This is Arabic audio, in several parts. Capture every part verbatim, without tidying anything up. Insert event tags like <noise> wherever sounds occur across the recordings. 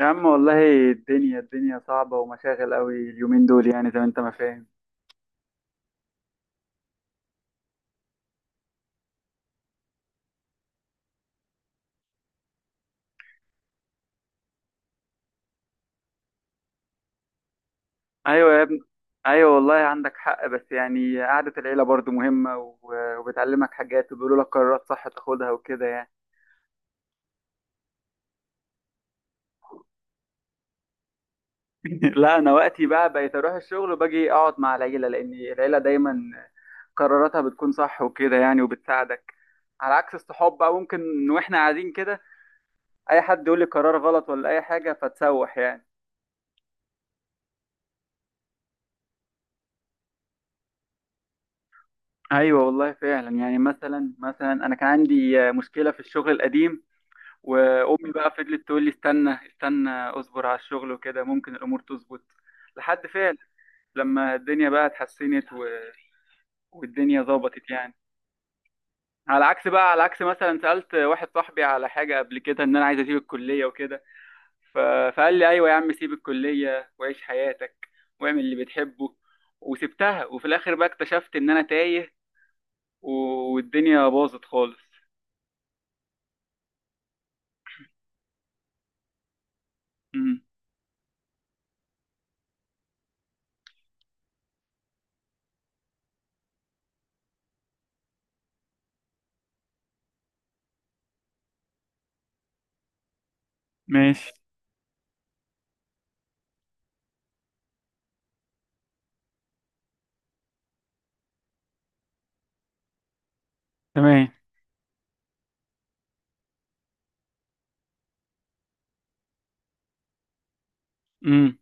يا عم والله، الدنيا الدنيا صعبة ومشاغل قوي اليومين دول، يعني زي ما انت ما فاهم. ايوه يا ابني. ايوه والله عندك حق، بس يعني قعدة العيلة برضو مهمة و- وبتعلمك حاجات وبيقولوا لك قرارات صح تاخدها وكده يعني. <laughs> لا، انا وقتي بقى بقيت اروح الشغل وباجي اقعد مع العيلة، لان العيلة دايما قراراتها بتكون صح وكده يعني وبتساعدك. على عكس الصحاب بقى، ممكن واحنا قاعدين كده اي حد يقول لي قرار غلط ولا اي حاجة فتسوح يعني. ايوه والله فعلا. يعني مثلا مثلا انا كان عندي آه، مشكله في الشغل القديم، وامي بقى فضلت تقول لي استنى استنى، اصبر على الشغل وكده ممكن الامور تظبط. لحد فعلا لما الدنيا بقى اتحسنت و... والدنيا ظبطت يعني. على عكس بقى، على عكس مثلا سالت واحد صاحبي على حاجه قبل كده ان انا عايز اسيب الكليه وكده. ف... فقال لي ايوه يا عم، سيب الكليه وعيش حياتك واعمل اللي بتحبه. وسبتها، وفي الاخر بقى اكتشفت ان انا تايه و... والدنيا باظت خالص. امم ماشي. تمام. امم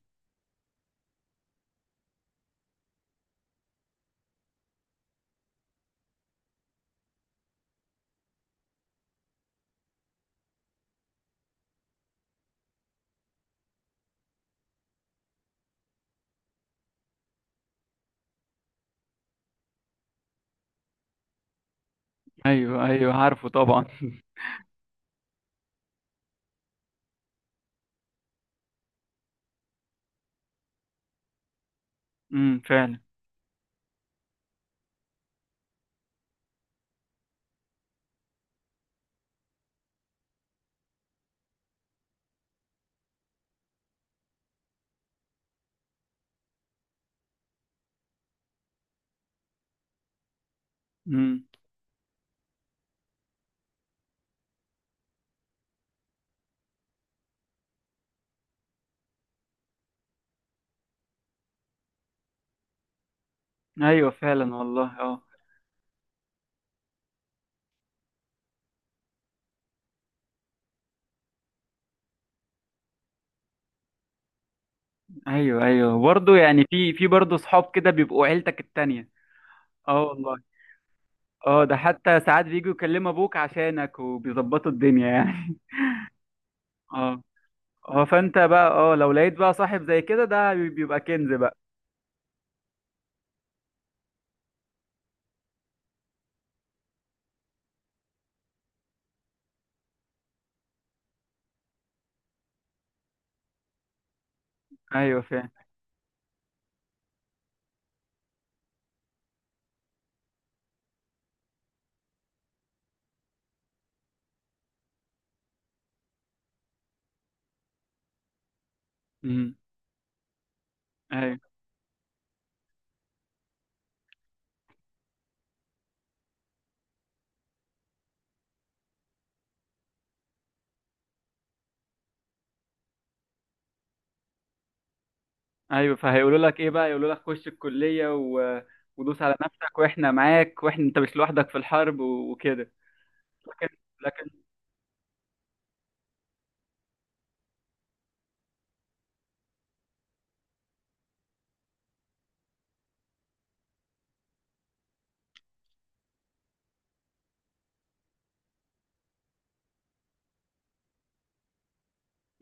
ايوه ايوه، عارفه طبعا. امم فعلا امم. ايوه فعلا والله، اه. ايوه ايوه، برضه يعني في، في برضه صحاب كده بيبقوا عيلتك التانية. اه والله. اه، ده حتى ساعات بيجوا يكلموا ابوك عشانك وبيظبطوا الدنيا يعني. <laughs> اه. اه، فانت بقى اه لو لقيت بقى صاحب زي كده، ده بيبقى كنز بقى. ايوه فعلا. امم ايوه ايوه. فهيقولوا لك ايه بقى؟ يقولوا لك خش الكليه و... ودوس على نفسك واحنا معاك، واحنا انت مش لوحدك في الحرب، و... وكده. لكن، لكن.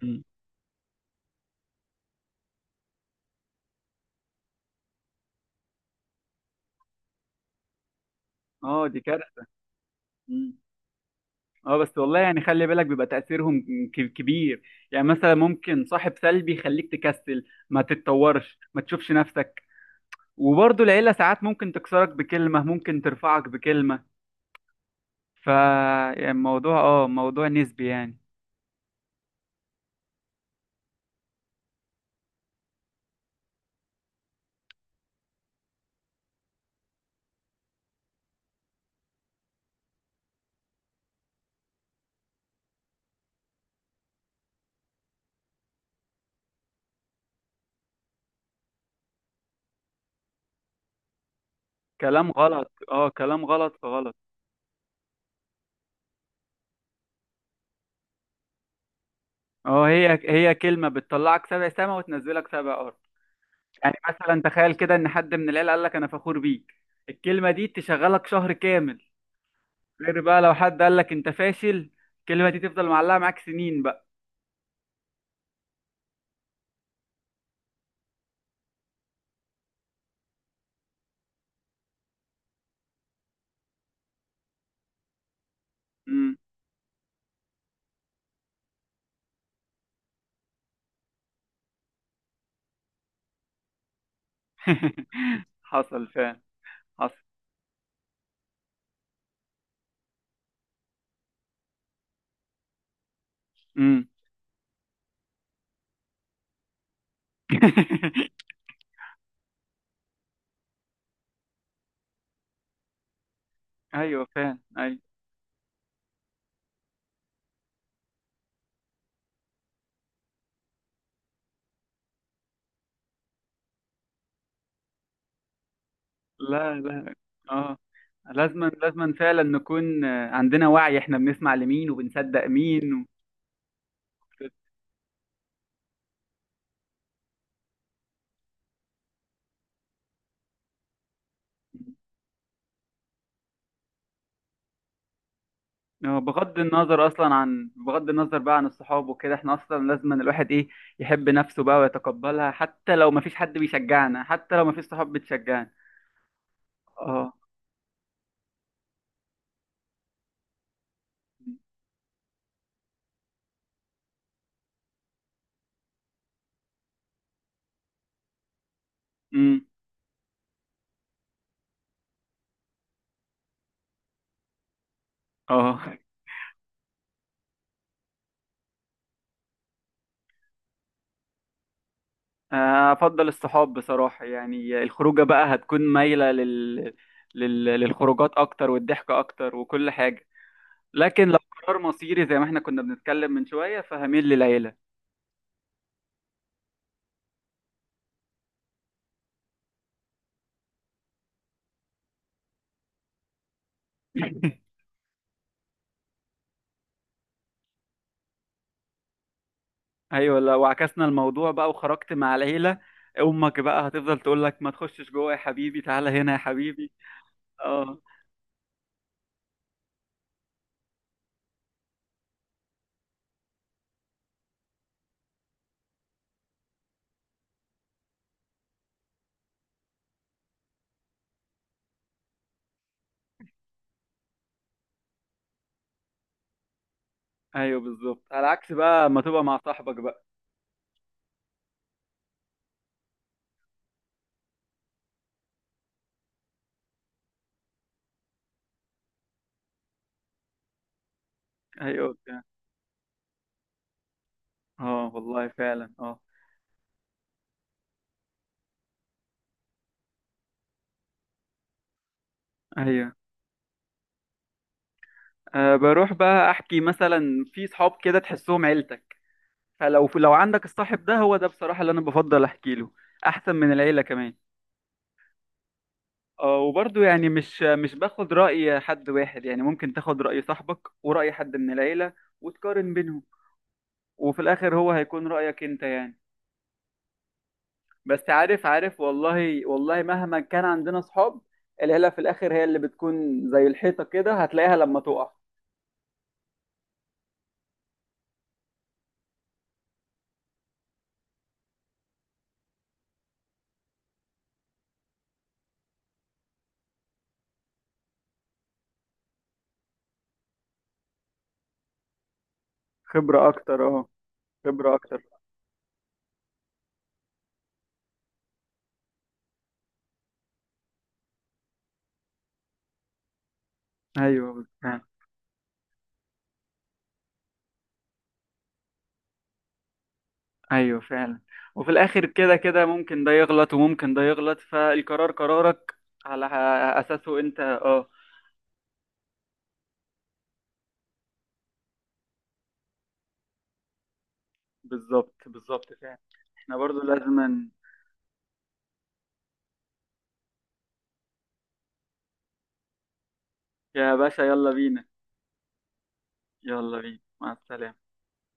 مم. اه دي كارثه. مم. اه بس والله يعني خلي بالك، بيبقى تاثيرهم ك- كبير. يعني مثلا ممكن صاحب سلبي يخليك تكسل، ما تتطورش، ما تشوفش نفسك. وبرضه العيله ساعات ممكن تكسرك بكلمه، ممكن ترفعك بكلمه. ف يعني الموضوع اه موضوع نسبي يعني. كلام غلط، اه كلام غلط فغلط. اه، هي هي كلمة بتطلعك سبع سما وتنزلك سبع أرض. يعني مثلا تخيل كده إن حد من العيلة قال لك أنا فخور بيك، الكلمة دي تشغلك شهر كامل. غير بقى لو حد قال لك أنت فاشل، الكلمة دي تفضل معلقة معاك سنين بقى. مم. <laughs> حصل فعلا. حصل. مم. <laughs> أيوه فعلا، أيوه. لا لا. اه. لازما لازما فعلا نكون آه، عندنا وعي، احنا بنسمع لمين وبنصدق مين و... آه، بغض النظر اصلا عن، بغض النظر بقى عن الصحاب وكده، احنا اصلا لازم أن الواحد ايه، يحب نفسه بقى ويتقبلها، حتى لو مفيش حد بيشجعنا، حتى لو مفيش صحاب بتشجعنا. اه. امم. اه. آه، افضل الصحاب بصراحة. يعني الخروجة بقى هتكون مايلة لل... لل... للخروجات اكتر والضحك اكتر وكل حاجة. لكن لو قرار مصيري، زي ما احنا كنا بنتكلم من شوية، فهميل للعيلة. <laughs> ايوه. لا وعكسنا الموضوع بقى وخرجت مع العيله، امك بقى هتفضل تقول لك ما تخشش جوه يا حبيبي، تعالى هنا يا حبيبي. اه. ايوه بالظبط، على عكس بقى ما تبقى مع صاحبك بقى. ايوه بتاع. اه والله فعلا، اه. ايوه. أه، بروح بقى احكي مثلا في صحاب كده تحسهم عيلتك، فلو، لو عندك الصاحب ده، هو ده بصراحه اللي انا بفضل احكي له، احسن من العيله كمان. اه، وبرضه يعني مش مش باخد راي حد واحد يعني، ممكن تاخد راي صاحبك وراي حد من العيله وتقارن بينهم، وفي الاخر هو هيكون رأيك انت يعني. بس عارف، عارف والله والله، مهما كان عندنا صحاب، العيلة في الاخر هي اللي بتكون زي الحيطة كده هتلاقيها لما تقع. خبرة اكتر، اه. خبرة اكتر. ايوه فعلا. ايوه فعلا. وفي الاخر كده كده، ممكن ده يغلط وممكن ده يغلط، فالقرار قرارك على اساسه انت، اه. بالظبط، بالظبط فعلا. احنا برضو لازما. يا باشا يلا بينا. يلا بينا، مع السلامة.